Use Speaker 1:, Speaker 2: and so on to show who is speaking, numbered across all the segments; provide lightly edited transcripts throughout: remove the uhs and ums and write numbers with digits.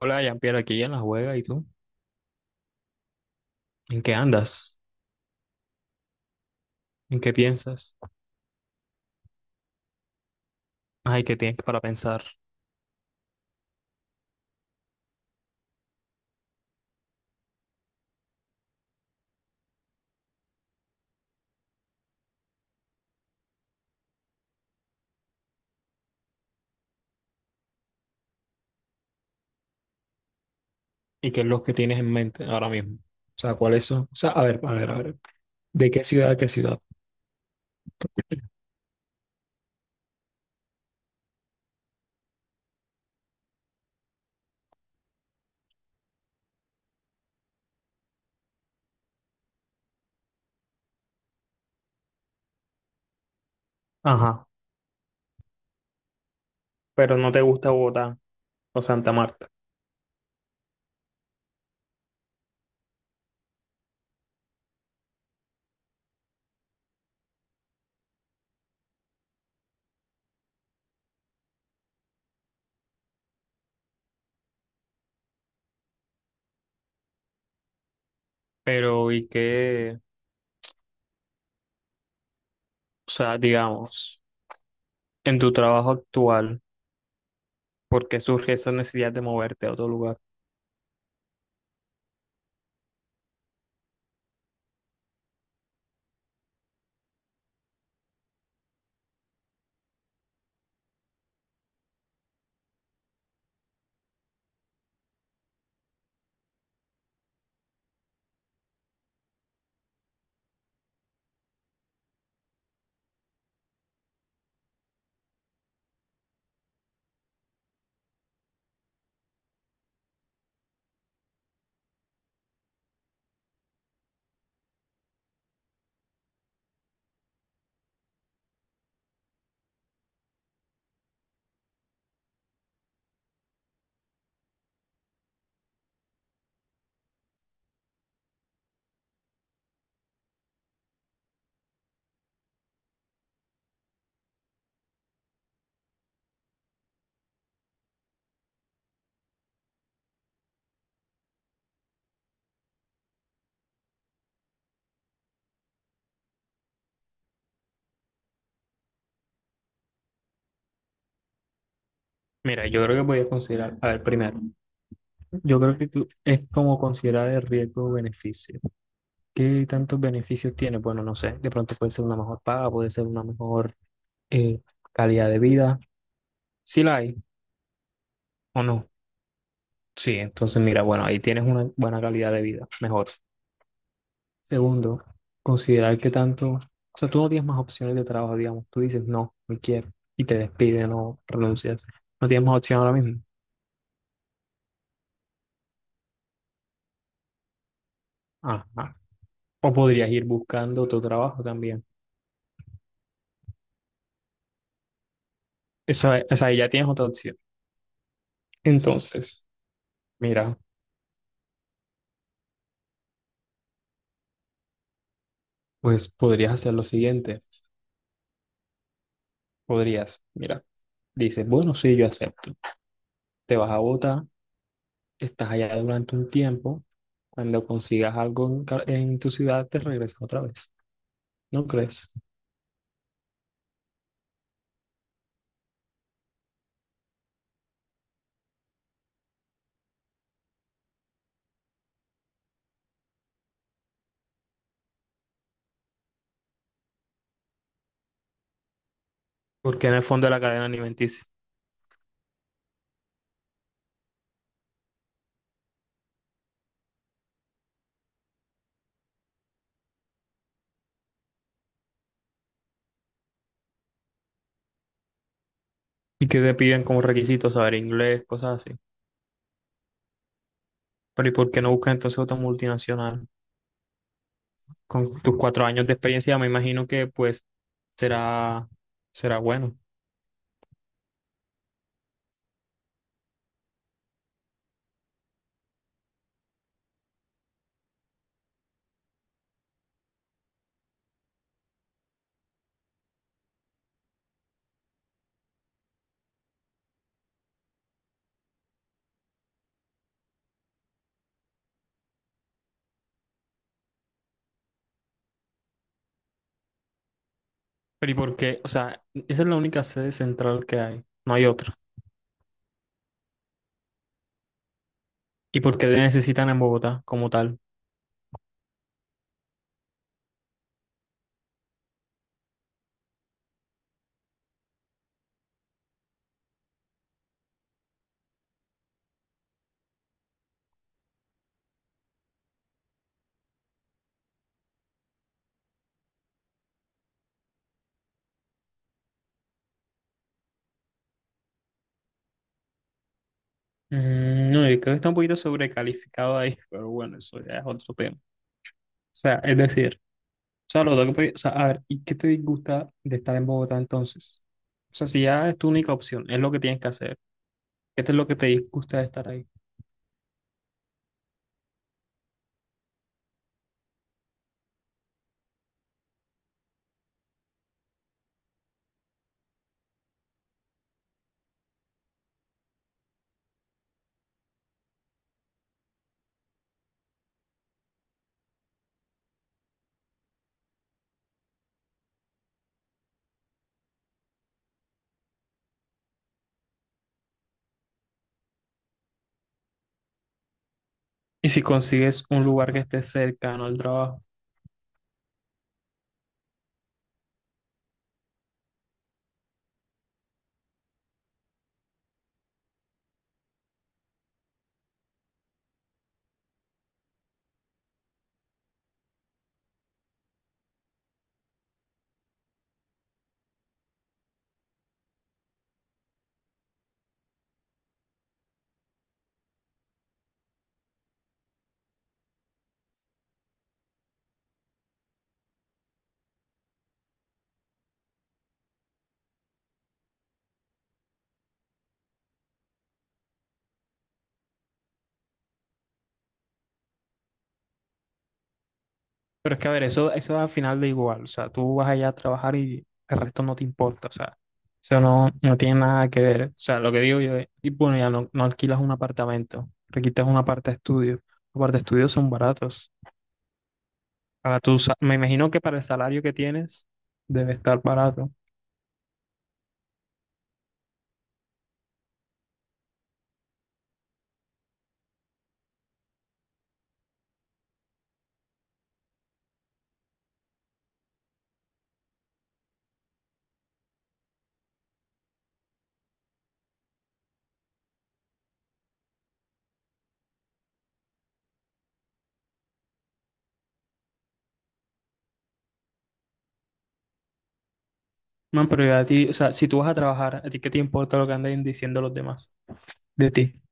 Speaker 1: Hola, Jean-Pierre, aquí en la juega, ¿y tú? ¿En qué andas? ¿En qué piensas? Ay, ¿qué tienes para pensar? ¿Y qué es lo que tienes en mente ahora mismo? O sea, ¿cuáles son? O sea, a ver, a ver, a ver. ¿De qué ciudad a qué ciudad? Ajá, pero no te gusta Bogotá o Santa Marta. Pero, ¿y qué? O sea, digamos, en tu trabajo actual, ¿por qué surge esa necesidad de moverte a otro lugar? Mira, yo creo que podías considerar, a ver, primero, yo creo que tú es como considerar el riesgo-beneficio. ¿Qué tantos beneficios tiene? Bueno, no sé, de pronto puede ser una mejor paga, puede ser una mejor eh, calidad de vida. Si la hay o no. Sí, entonces mira, bueno, ahí tienes una buena calidad de vida, mejor. Segundo, considerar que tanto, o sea, tú no tienes más opciones de trabajo, digamos, tú dices, no, no quiero, y te despiden o renuncias. No tienes más opción ahora mismo. Ajá. O podrías ir buscando otro trabajo también. Eso, o sea, ahí ya tienes otra opción. Entonces, mira, pues podrías hacer lo siguiente. Podrías, mira. Dices, bueno, sí, yo acepto. Te vas a Bogotá, estás allá durante un tiempo. Cuando consigas algo en, en tu ciudad, te regresas otra vez. ¿No crees? Porque en el fondo de la cadena alimenticia. Y que te piden como requisitos saber inglés, cosas así. Pero ¿y por qué no buscas entonces otra multinacional? Con tus cuatro años de experiencia, me imagino que pues será, será bueno. Pero ¿y por qué? O sea, esa es la única sede central que hay. No hay otra. ¿Y por qué te necesitan en Bogotá como tal? No, yo creo que está un poquito sobrecalificado ahí, pero bueno, eso ya es otro tema. O sea, es decir, o sea, o sea, a ver, ¿y qué te disgusta de estar en Bogotá entonces? O sea, si ya es tu única opción, es lo que tienes que hacer. ¿Qué es lo que te disgusta de estar ahí? Y si consigues un lugar que esté cercano al trabajo. Pero es que, a ver, eso al final da igual. O sea, tú vas allá a trabajar y el resto no te importa. O sea, eso no, no, tiene nada que ver. O sea, lo que digo yo es, y bueno, ya no alquilas un apartamento, alquilas una parte de estudio. Los parte de estudio son baratos. Para tu, me imagino que para el salario que tienes debe estar barato. Man, pero ya a ti, o sea, si tú vas a trabajar, ¿a ti qué te importa lo que anden diciendo los demás de ti?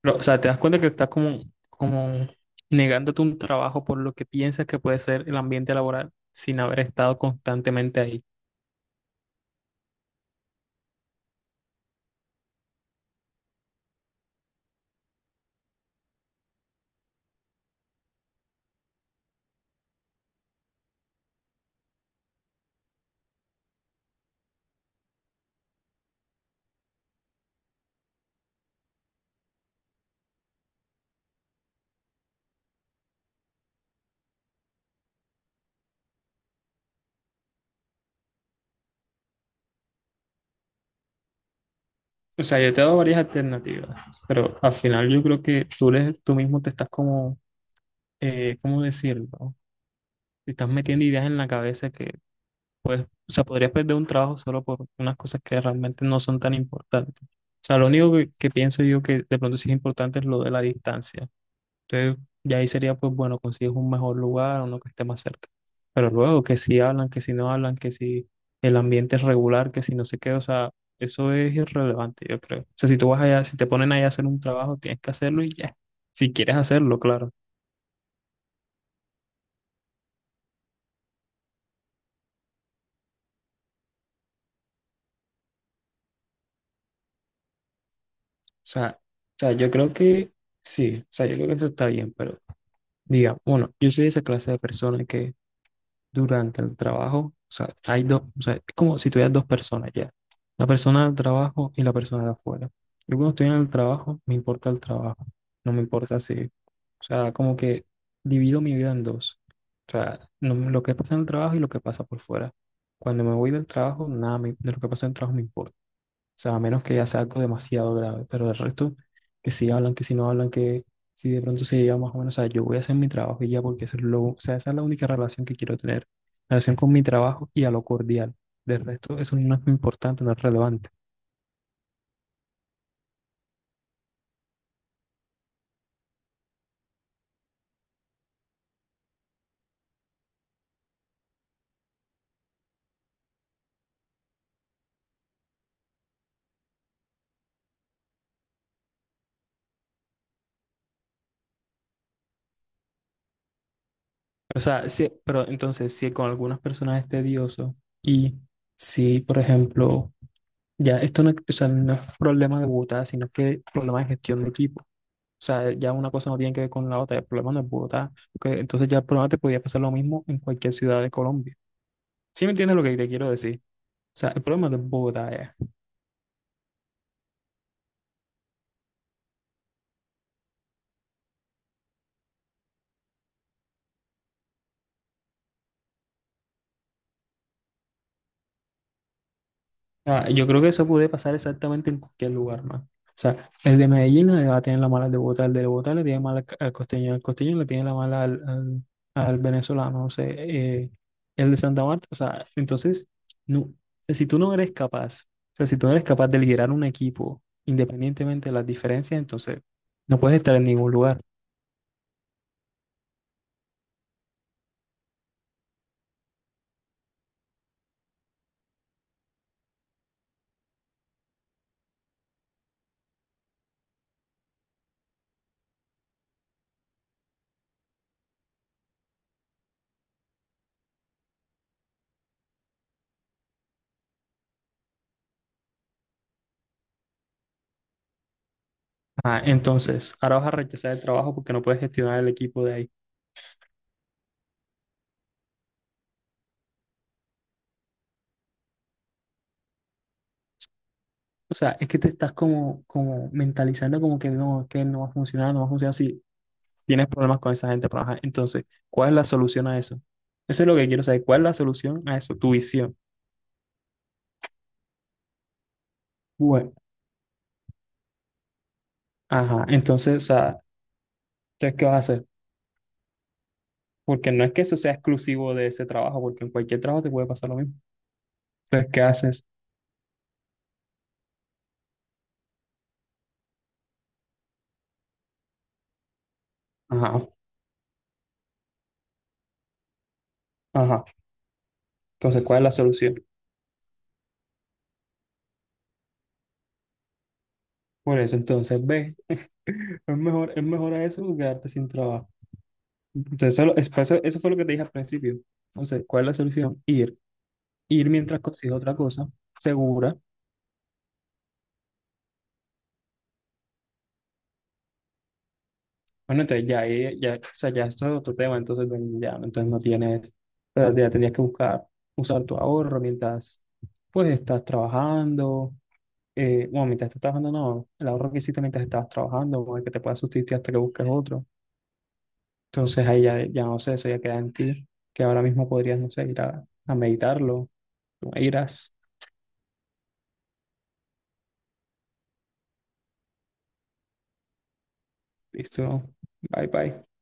Speaker 1: Pero, o sea, te das cuenta que estás como, como negándote un trabajo por lo que piensas que puede ser el ambiente laboral sin haber estado constantemente ahí. O sea, yo te he dado varias alternativas, pero al final yo creo que tú mismo te estás como, ¿cómo decirlo? Te estás metiendo ideas en la cabeza que, pues, o sea, podrías perder un trabajo solo por unas cosas que realmente no son tan importantes. O sea, lo único que, pienso yo que de pronto sí es importante es lo de la distancia. Entonces, ya ahí sería, pues bueno, consigues un mejor lugar, uno que esté más cerca. Pero luego, que si hablan, que si no hablan, que si el ambiente es regular, que si no sé qué, o sea, eso es irrelevante, yo creo. O sea, si tú vas allá, si te ponen allá a hacer un trabajo, tienes que hacerlo y ya. Si quieres hacerlo, claro. O sea, yo creo que sí, o sea, yo creo que eso está bien, pero diga, bueno, yo soy esa clase de persona que durante el trabajo, o sea, hay dos, o sea, es como si tuvieras dos personas ya, la persona del trabajo y la persona de afuera. Yo cuando estoy en el trabajo, me importa el trabajo, no me importa si, o sea, como que divido mi vida en dos, o sea, lo que pasa en el trabajo y lo que pasa por fuera. Cuando me voy del trabajo, nada me- de lo que pasa en el trabajo me importa. O sea, a menos que ya sea algo demasiado grave, pero el resto, que si hablan, que si no hablan, que si de pronto se lleva más o menos, o sea, yo voy a hacer mi trabajo y ya, porque o sea, esa es la única relación que quiero tener, relación con mi trabajo y a lo cordial. Del resto, eso no es importante, no es relevante. O sea, sí, pero entonces, si con algunas personas es tedioso y si, por ejemplo, ya esto no, o sea, no es problema de Bogotá, sino que problema de gestión de equipo. O sea, ya una cosa no tiene que ver con la otra, el problema no es Bogotá, porque entonces ya el problema te podría pasar lo mismo en cualquier ciudad de Colombia. ¿Sí me entiendes lo que te quiero decir? O sea, el problema no es Bogotá ya. Ah, yo creo que eso puede pasar exactamente en cualquier lugar, man. O sea, el de Medellín le va a tener la mala al de Bogotá, el de Bogotá le tiene mala al, costeño, el costeño le tiene la mala al venezolano, o sea, el de Santa Marta, o sea, entonces, no, o sea, si tú no eres capaz, o sea, si tú no eres capaz de liderar un equipo independientemente de las diferencias, entonces no puedes estar en ningún lugar. Ah, entonces, ahora vas a rechazar el trabajo porque no puedes gestionar el equipo de ahí. O sea, es que te estás como, mentalizando como que no va a funcionar, no va a funcionar si tienes problemas con esa gente. Pero ajá, entonces, ¿cuál es la solución a eso? Eso es lo que quiero saber. ¿Cuál es la solución a eso? Tu visión. Bueno, ajá. Entonces, o sea, entonces, ¿qué vas a hacer? Porque no es que eso sea exclusivo de ese trabajo, porque en cualquier trabajo te puede pasar lo mismo. Entonces, ¿qué haces? Ajá, ajá. Entonces, ¿cuál es la solución? Por eso, entonces, ve, es mejor a eso que quedarte sin trabajo. Entonces, eso, eso fue lo que te dije al principio. Entonces, ¿cuál es la solución? Ir mientras consigues otra cosa segura. Bueno, entonces ya, ya, o sea, ya esto es otro tema, entonces bueno, ya, entonces no tienes, o sea, ya tendrías que buscar usar tu ahorro mientras pues estás trabajando, bueno, mientras estás trabajando no, el ahorro que hiciste mientras estabas trabajando, o el que te pueda sustituir hasta que busques otro. Entonces ahí ya, ya no sé, eso ya queda en ti, que ahora mismo podrías, no sé, ir a, meditarlo, irás, listo, bye bye.